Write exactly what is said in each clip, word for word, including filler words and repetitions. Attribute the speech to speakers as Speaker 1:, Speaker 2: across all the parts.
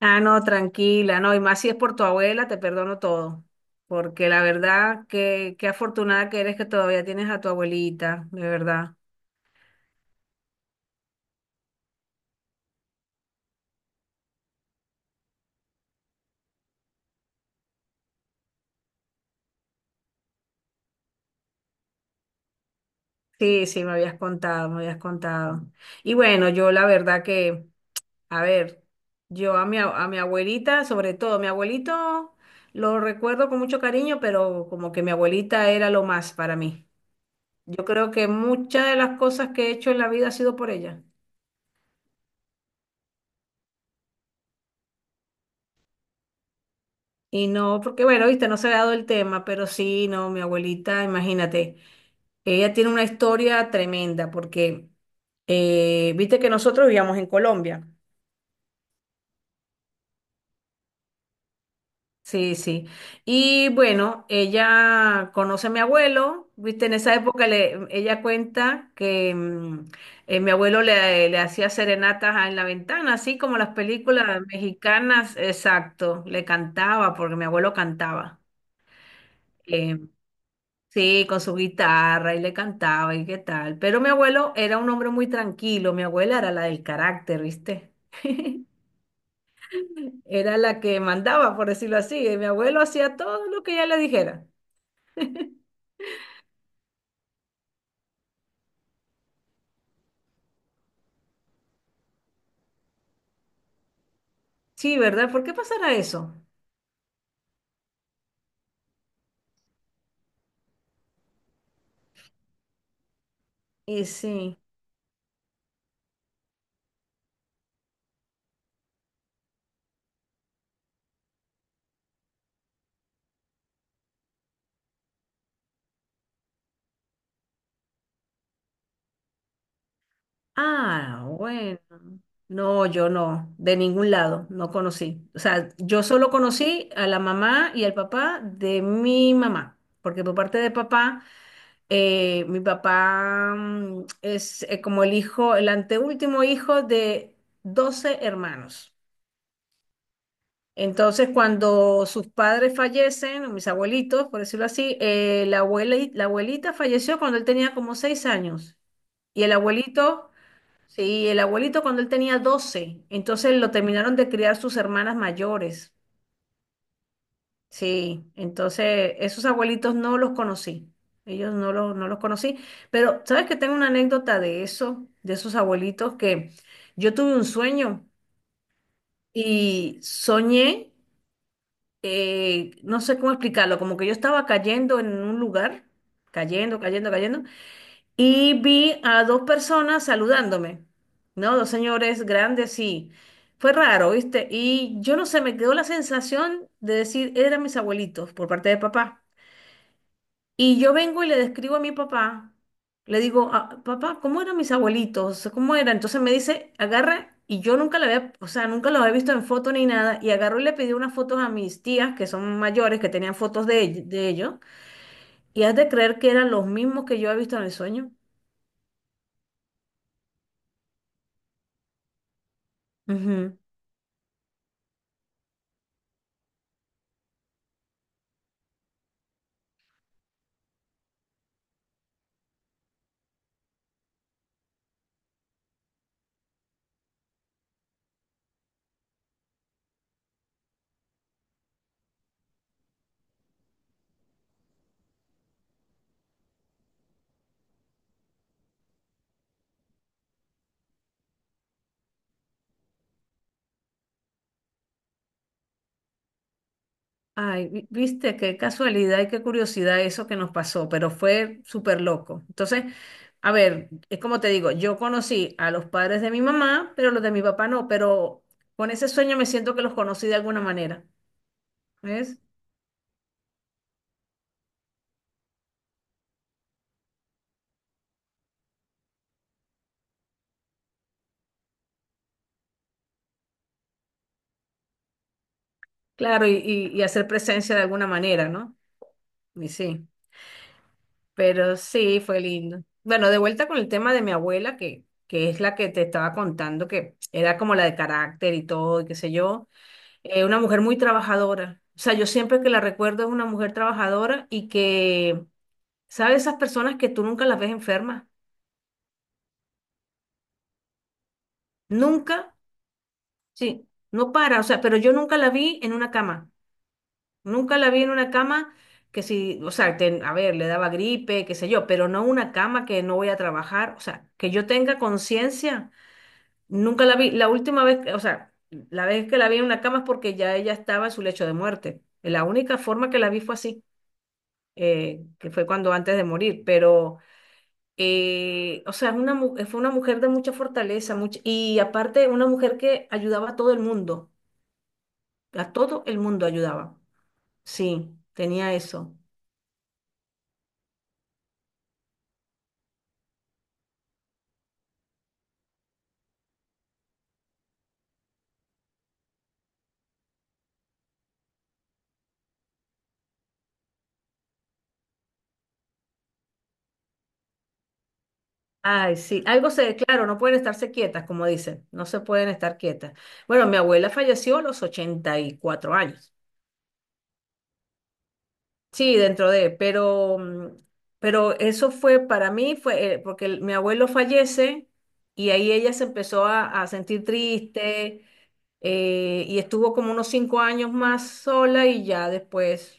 Speaker 1: Ah, no, tranquila, no, y más si es por tu abuela, te perdono todo, porque la verdad, que qué afortunada que eres que todavía tienes a tu abuelita, de verdad. Sí, sí, me habías contado, me habías contado. Y bueno, yo la verdad que, a ver, yo a mi, a mi abuelita, sobre todo, mi abuelito lo recuerdo con mucho cariño, pero como que mi abuelita era lo más para mí. Yo creo que muchas de las cosas que he hecho en la vida ha sido por ella. Y no, porque bueno, viste, no se ha dado el tema, pero sí, no, mi abuelita, imagínate, ella tiene una historia tremenda, porque eh, viste que nosotros vivíamos en Colombia. Sí, sí. Y bueno, ella conoce a mi abuelo, viste, en esa época le, ella cuenta que mm, eh, mi abuelo le, le hacía serenatas en la ventana, así como las películas mexicanas, exacto, le cantaba, porque mi abuelo cantaba. eh, Sí, con su guitarra y le cantaba y qué tal. Pero mi abuelo era un hombre muy tranquilo, mi abuela era la del carácter, ¿viste? Era la que mandaba, por decirlo así, y mi abuelo hacía todo lo que ella le dijera. Sí, ¿verdad? ¿Por qué pasará eso? Y sí, ah, bueno. No, yo no, de ningún lado, no conocí. O sea, yo solo conocí a la mamá y al papá de mi mamá, porque por parte de papá... eh, Mi papá mm, es eh, como el hijo, el anteúltimo hijo de doce hermanos. Entonces, cuando sus padres fallecen, o mis abuelitos, por decirlo así, eh, la abuela, la abuelita falleció cuando él tenía como seis años. Y el abuelito, sí, el abuelito cuando él tenía doce. Entonces lo terminaron de criar sus hermanas mayores. Sí, entonces esos abuelitos no los conocí, ellos no los, no los conocí, pero sabes que tengo una anécdota de eso, de esos abuelitos, que yo tuve un sueño y soñé, eh, no sé cómo explicarlo, como que yo estaba cayendo en un lugar, cayendo, cayendo, cayendo, y vi a dos personas saludándome, ¿no? Dos señores grandes y fue raro, ¿viste? Y yo no sé, me quedó la sensación de decir, eran mis abuelitos por parte de papá. Y yo vengo y le describo a mi papá, le digo: "Ah, papá, ¿cómo eran mis abuelitos? ¿Cómo eran?". Entonces me dice, agarra, y yo nunca la había, o sea, nunca los había visto en foto ni nada, y agarró y le pidió unas fotos a mis tías, que son mayores, que tenían fotos de, ell- de ellos, y has de creer que eran los mismos que yo había visto en el sueño. Ujú. Ay, vi- viste, qué casualidad y qué curiosidad eso que nos pasó, pero fue súper loco. Entonces, a ver, es como te digo, yo conocí a los padres de mi mamá, pero los de mi papá no, pero con ese sueño me siento que los conocí de alguna manera, ¿ves? Claro, y, y, y hacer presencia de alguna manera, ¿no? Y sí, pero sí, fue lindo. Bueno, de vuelta con el tema de mi abuela, que, que es la que te estaba contando, que era como la de carácter y todo, y qué sé yo. Eh, una mujer muy trabajadora. O sea, yo siempre que la recuerdo es una mujer trabajadora y que, ¿sabes? Esas personas que tú nunca las ves enfermas. Nunca, sí, no para. O sea, pero yo nunca la vi en una cama. Nunca la vi en una cama que si, o sea, ten- a ver, le daba gripe, qué sé yo, pero no una cama que no voy a trabajar. O sea, que yo tenga conciencia. Nunca la vi. La última vez, que- o sea, la vez que la vi en una cama es porque ya ella estaba en su lecho de muerte. La única forma que la vi fue así. Eh, que fue cuando antes de morir, pero, eh, o sea, es una, mu- fue una mujer de mucha fortaleza, mucha, y aparte una mujer que ayudaba a todo el mundo, a todo el mundo ayudaba. Sí, tenía eso. Ay, sí, algo se, claro, no pueden estarse quietas, como dicen, no se pueden estar quietas. Bueno, mi abuela falleció a los ochenta y cuatro años. Sí, dentro de, pero, mm, pero eso fue para mí, fue eh, porque el- mi abuelo fallece y ahí ella se empezó a, a sentir triste eh, y estuvo como unos cinco años más sola y ya después.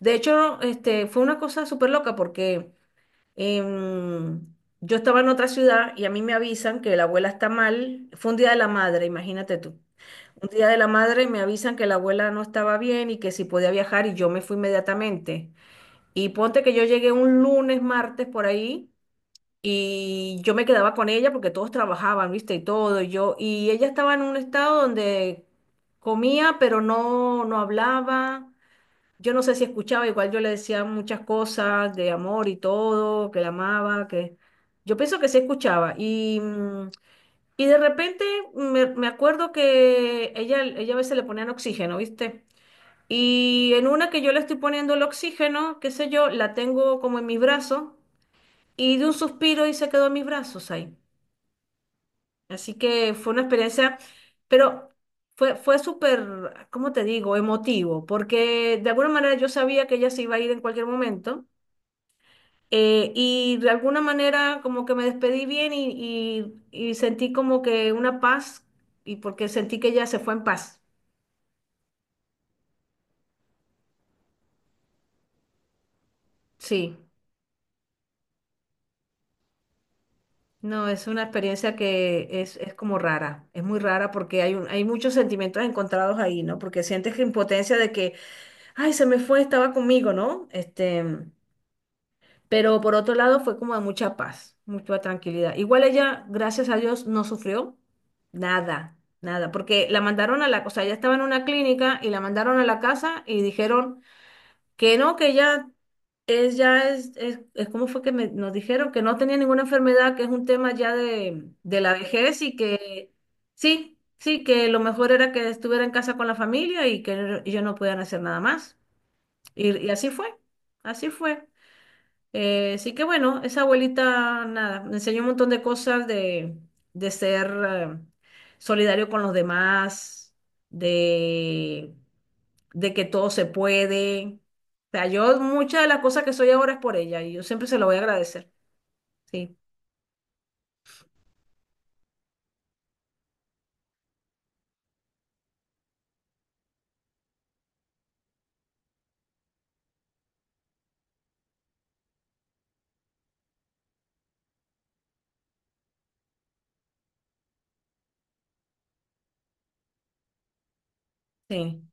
Speaker 1: De hecho, este, fue una cosa súper loca porque em, yo estaba en otra ciudad y a mí me avisan que la abuela está mal. Fue un día de la madre, imagínate tú. Un día de la madre me avisan que la abuela no estaba bien y que si podía viajar y yo me fui inmediatamente. Y ponte que yo llegué un lunes, martes por ahí y yo me quedaba con ella porque todos trabajaban, ¿viste? Y todo, y yo y ella estaba en un estado donde comía, pero no no hablaba. Yo no sé si escuchaba, igual yo le decía muchas cosas de amor y todo, que la amaba, que yo pienso que sí escuchaba y mm, y de repente me, me acuerdo que ella ella a veces le ponían oxígeno, ¿viste? Y en una que yo le estoy poniendo el oxígeno, qué sé yo, la tengo como en mis brazos y de un suspiro y se quedó en mis brazos ahí. Así que fue una experiencia, pero fue, fue súper, ¿cómo te digo?, emotivo, porque de alguna manera yo sabía que ella se iba a ir en cualquier momento eh, y de alguna manera como que me despedí bien y, y y sentí como que una paz y porque sentí que ella se fue en paz. Sí. No, es una experiencia que es, es como rara, es muy rara porque hay, un- hay muchos sentimientos encontrados ahí, ¿no? Porque sientes que impotencia de que, ay, se me fue, estaba conmigo, ¿no? Este, pero por otro lado fue como de mucha paz, mucha tranquilidad. Igual ella, gracias a Dios, no sufrió nada, nada, porque la mandaron a la, o sea, ella estaba en una clínica y la mandaron a la casa y dijeron que no, que ella es ya es, es, es como fue que me- nos dijeron que no tenía ninguna enfermedad, que es un tema ya de, de la vejez y que sí, sí, que lo mejor era que estuviera en casa con la familia y que no- ellos no podían hacer nada más. Y, y así fue, así fue. Eh, así que bueno, esa abuelita, nada, me enseñó un montón de cosas de, de ser eh, solidario con los demás, de, de que todo se puede. O sea, yo muchas de las cosas que soy ahora es por ella y yo siempre se lo voy a agradecer. Sí, sí,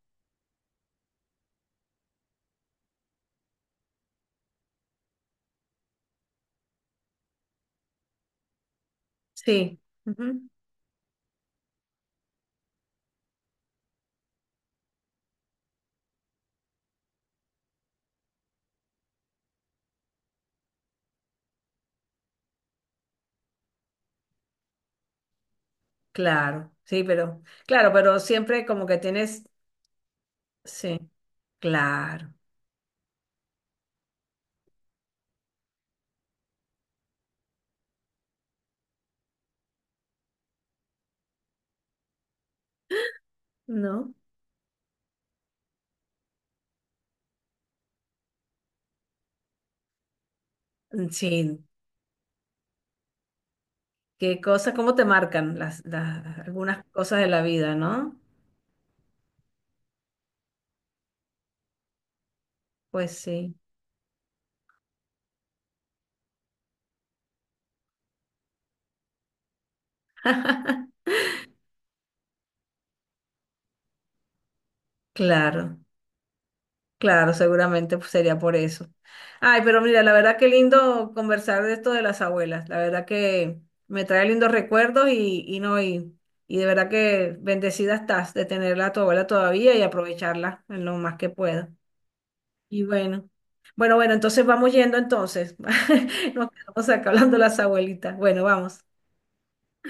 Speaker 1: sí. ujú, Claro, sí, pero, claro, pero siempre como que tienes, sí, claro, ¿no? Mm, sí, qué cosas, cómo te marcan las, las- algunas cosas de la vida, ¿no? Pues sí. Claro, claro, seguramente pues, sería por eso. Ay, pero mira, la verdad que lindo conversar de esto de las abuelas. La verdad que me trae lindos recuerdos y, y no, y, y de verdad que bendecida estás de tenerla a tu abuela todavía y aprovecharla en lo más que pueda. Y bueno, bueno, bueno, entonces vamos yendo entonces. Nos quedamos acá hablando de las abuelitas. Bueno, vamos.